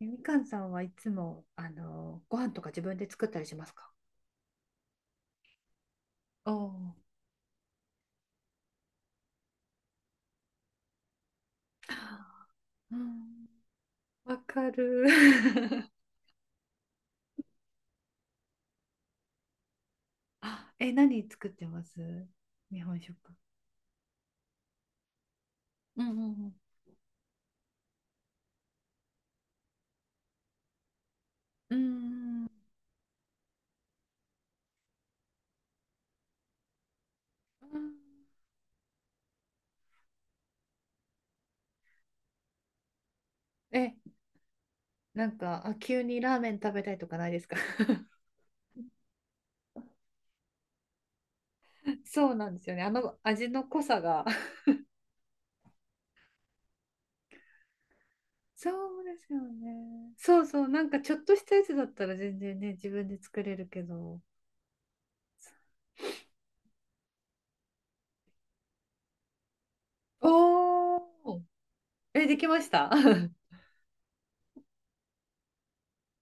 えみかんさんはいつも、ご飯とか自分で作ったりしますか？おおー。うん。わかる。あ、え、何作ってます？日本食。うん。うんうん。うーん。え、なんか、あ、急にラーメン食べたいとかないですか？ そうなんですよね。あの味の濃さが。そうですよね。そうそう、なんかちょっとしたやつだったら全然ね、自分で作れるけど。おお。え、できました？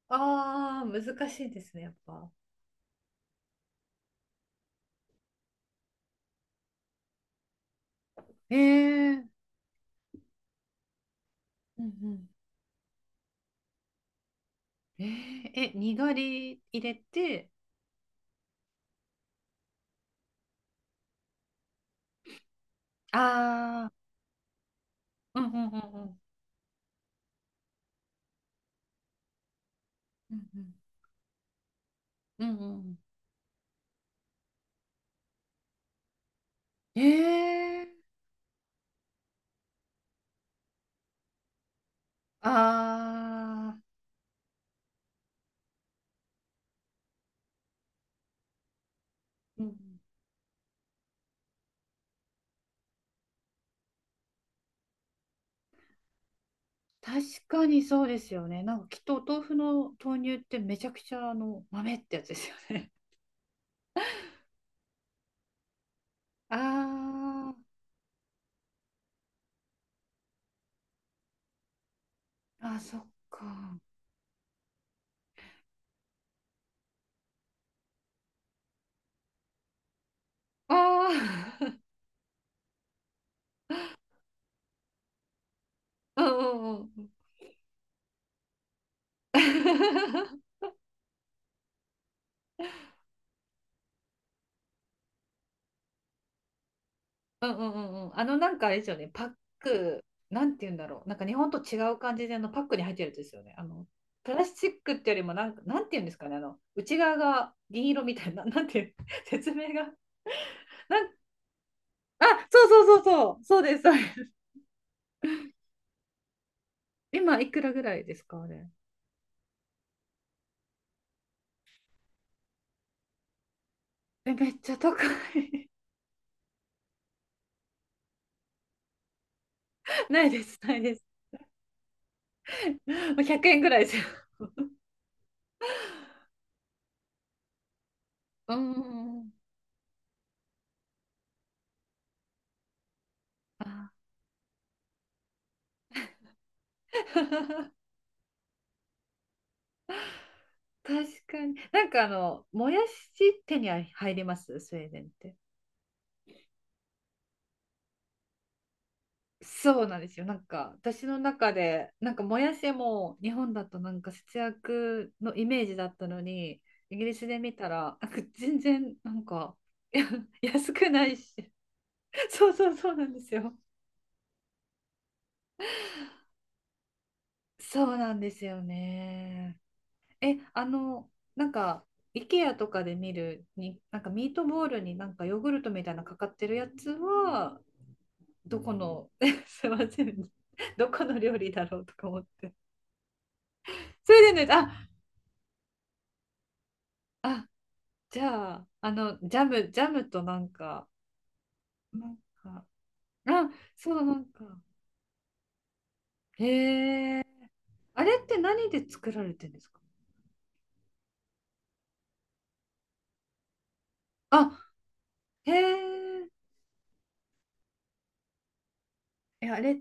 ああ、難しいですね、やっぱ。えー。うんうん。えー、え、にがり入れて、ああ、うんうんうんうんうんうん。うんうん。えー。ああ、うん。確かにそうですよね。なんかきっとお豆腐の豆乳ってめちゃくちゃあの豆ってやつですよね。あ。ああ、そっか。ああ。うんうんうん。うんうんうんうん。なんかあれですよね、パック、なんて言うんだろう。なんか日本と違う感じで、パックに入ってるやつですよね。プラスチックってよりも、なんか、なんて言うんですかね、内側が銀色みたいな、なんていう、説明が。なん、あ、そうそうそうそう、そうです、そうです。今、いくらぐらいですか、あれ？え、めっちゃ高い。ないです、ないです。もう100円ぐらいですよ。うんうんうん。あ。 確かに。なんかもやし手に入りますスウェーデンって？そうなんですよ。なんか私の中でなんかもやしも日本だとなんか節約のイメージだったのに、イギリスで見たらなんか全然なんか、いや、 安くないし。 そうそうそうなんですよ。そうなんですよね。え、なんか IKEA とかで見るになんかミートボールになんかヨーグルトみたいなのかかってるやつは、どこの。 すいません、どこの料理だろうとか思って。それでね。ああ。じゃあ、ジャムとなんか、なんか、あ、そう、なんか、へえ、あれって何で作られてるんですか？あ、へえ、え、あれ、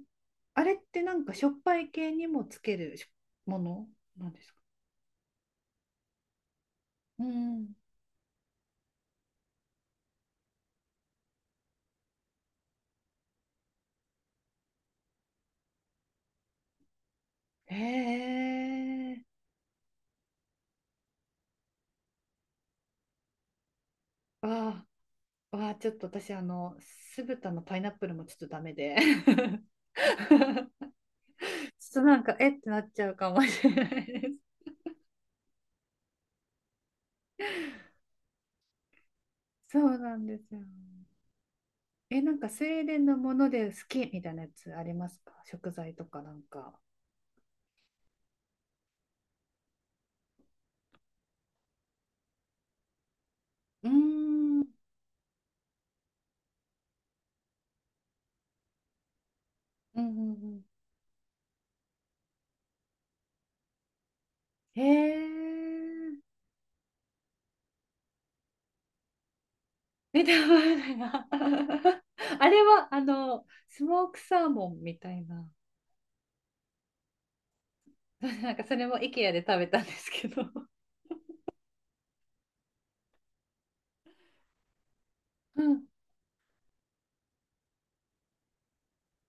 あれってなんかしょっぱい系にもつけるしものなんですか？うん。へえ、わあ、わあ、ちょっと私、酢豚のパイナップルもちょっとダメで、ちょっとなんか、えってなっちゃうかもしれないです。そうなんですよ。え、なんかスウェーデンのもので好きみたいなやつありますか、食材とかなんか？うーん、うんうん。うんへえ。え、でない。 あれは、スモークサーモンみたいな。なんかそれも IKEA で食べたんですけど。うん。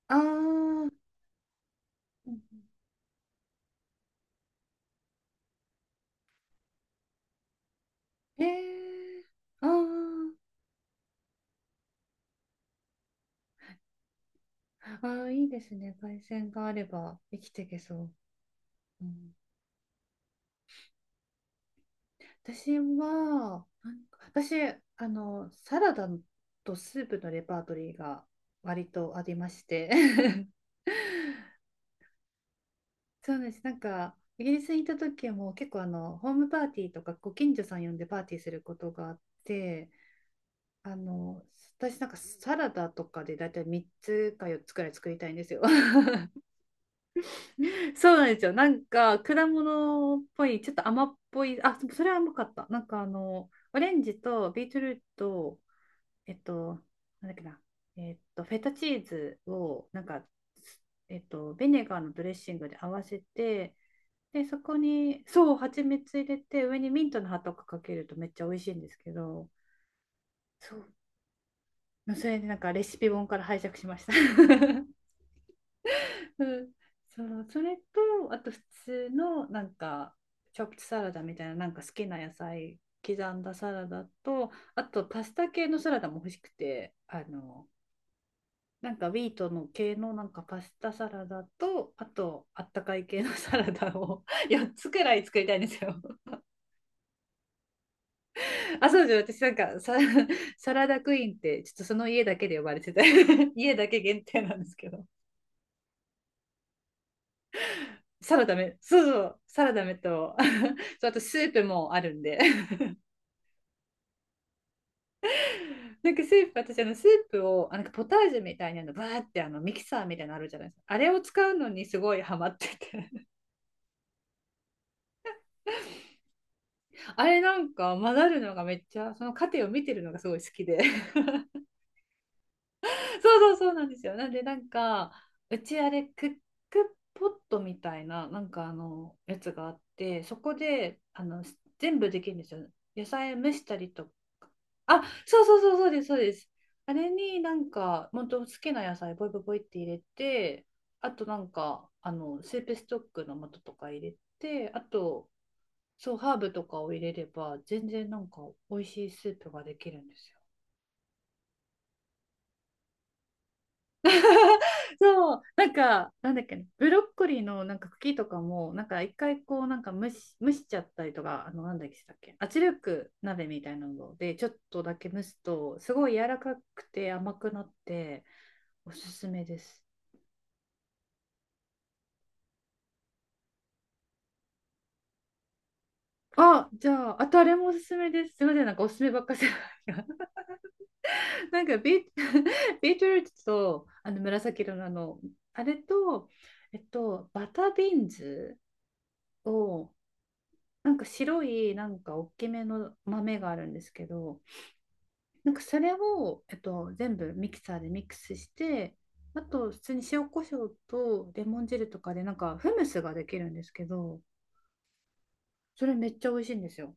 ああうん。あ、へえ。あーあー、いいですね。海鮮があれば生きていけそう。うん。私は、なんか私、サラダとスープのレパートリーが割とありまして。そうです。なんか、イギリスにいた時も結構ホームパーティーとかご近所さん呼んでパーティーすることがあって、あの、私なんかサラダとかでだいたい3つか4つくらい作りたいんですよ。そうなんですよ。なんか、果物っぽい、ちょっと甘っぽい、あ、そそれは甘かった。なんかオレンジとビートルート、えっと、なんだっけな、フェタチーズを、なんか、ビネガーのドレッシングで合わせて、で、そこに、そう、蜂蜜入れて、上にミントの葉とかかけるとめっちゃ美味しいんですけど、そう、それでなんかレシピ本から拝借しました。うん。そう、それと、あと普通のなんか、チョップサラダみたいな、なんか好きな野菜刻んだサラダと、あとパスタ系のサラダも欲しくて、なんかウィートの系のなんかパスタサラダと、あとあったかい系の サラダを4つくらい作りたいんですよ。あ、そうです。私なんかサラダクイーンってちょっとその家だけで呼ばれてて、 家だけ限定なんですけど。サラダめ、そうそう、サラダめと、 そうあとスープもあるんで、 なんかスープ、私あのスープを、あなんかポタージュみたいなの、バーってあのミキサーみたいなのあるじゃないですか。あれを使うのにすごいハマってて。あれなんか混ざるのがめっちゃ、その過程を見てるのがすごい好きで。そうそうそうなんですよ。なんでなんか、うちあれクックポットみたいな、なんかやつがあって、そこで、全部できるんですよ。野菜蒸したりとか。あ、そうそうそうそうです、そうです。あれになんか、本当好きな野菜、ボイボイボイって入れて、あとなんか、スープストックの素とか入れて、あと、そう、ハーブとかを入れれば、全然なんか美味しいスープができるんですよ。そう、なんか、なんだっけね、ブロッコリーのなんか茎とかも、なんか一回こう、なんか蒸しちゃったりとか、なんだっけ、したっけ、圧力鍋みたいなので、ちょっとだけ蒸すと、すごい柔らかくて甘くなって、おすすめです。あ、じゃあ、あとあれもおすすめです。すみません、なんかおすすめばっかりじゃないな。んかビートルーツとあの紫色のあの、あれと、バタービーンズを、なんか白い、なんか大きめの豆があるんですけど、なんかそれを、全部ミキサーでミックスして、あと、普通に塩コショウとレモン汁とかで、なんかフムスができるんですけど、それめっちゃ美味しいんですよ。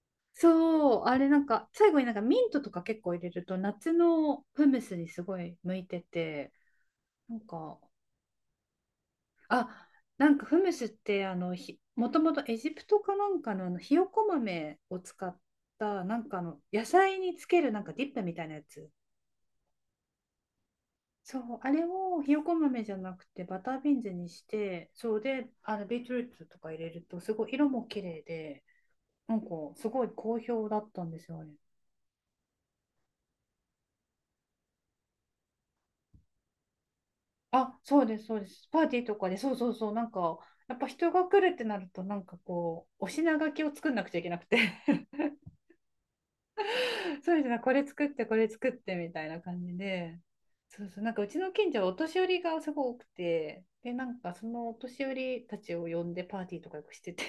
そう、あれなんか、最後になんかミントとか結構入れると、夏のフムスにすごい向いてて、なんかあ、なんかフムスってあのひ、もともとエジプトかなんかの、あのひよこ豆を使ったなんかあの野菜につけるなんかディップみたいなやつ。そう、あれをひよこ豆じゃなくてバタービーンズにして、そうで、あのビートルーツとか入れるとすごい色も綺麗で、なんかすごい好評だったんですよね。あ、そうです、そうです。パーティーとかで、そうそうそう、なんかやっぱ人が来るってなると、なんかこう、お品書きを作んなくちゃいけなくて。そうですね、これ作って、これ作ってみたいな感じで、そうそう、なんかうちの近所はお年寄りがすごく多くて、で、なんかそのお年寄りたちを呼んでパーティーとかよくしてて、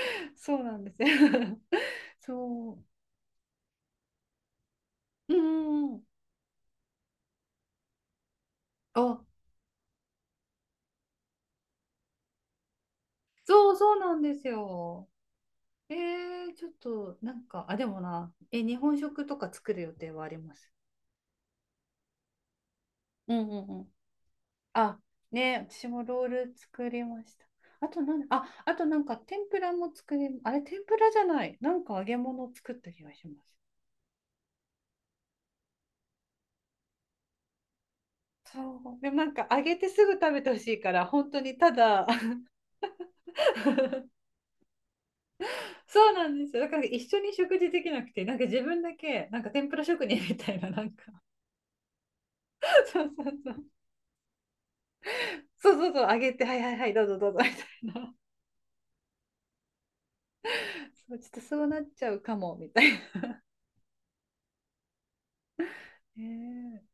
そうなんですよ。そう、うんうんうん、あ、そうそうなんですよ。ちょっとなんか、あ、でもな、え、日本食とか作る予定はあります。うんうんうん。あ、ね、私もロール作りました。あとなん、あ、あとなんか天ぷらも作り、あれ天ぷらじゃない。なんか揚げ物を作った気がします。そう。でもなんか揚げてすぐ食べてほしいから、本当にただ、そうなんですよ。だから一緒に食事できなくて、なんか自分だけ、なんか天ぷら職人みたいな、なんか、そうそうそう。そうそうそう、揚げて、はいはいはい、どうぞどうぞみたいな。そう、ちょっとそうなっちゃうかも、みたいな。ね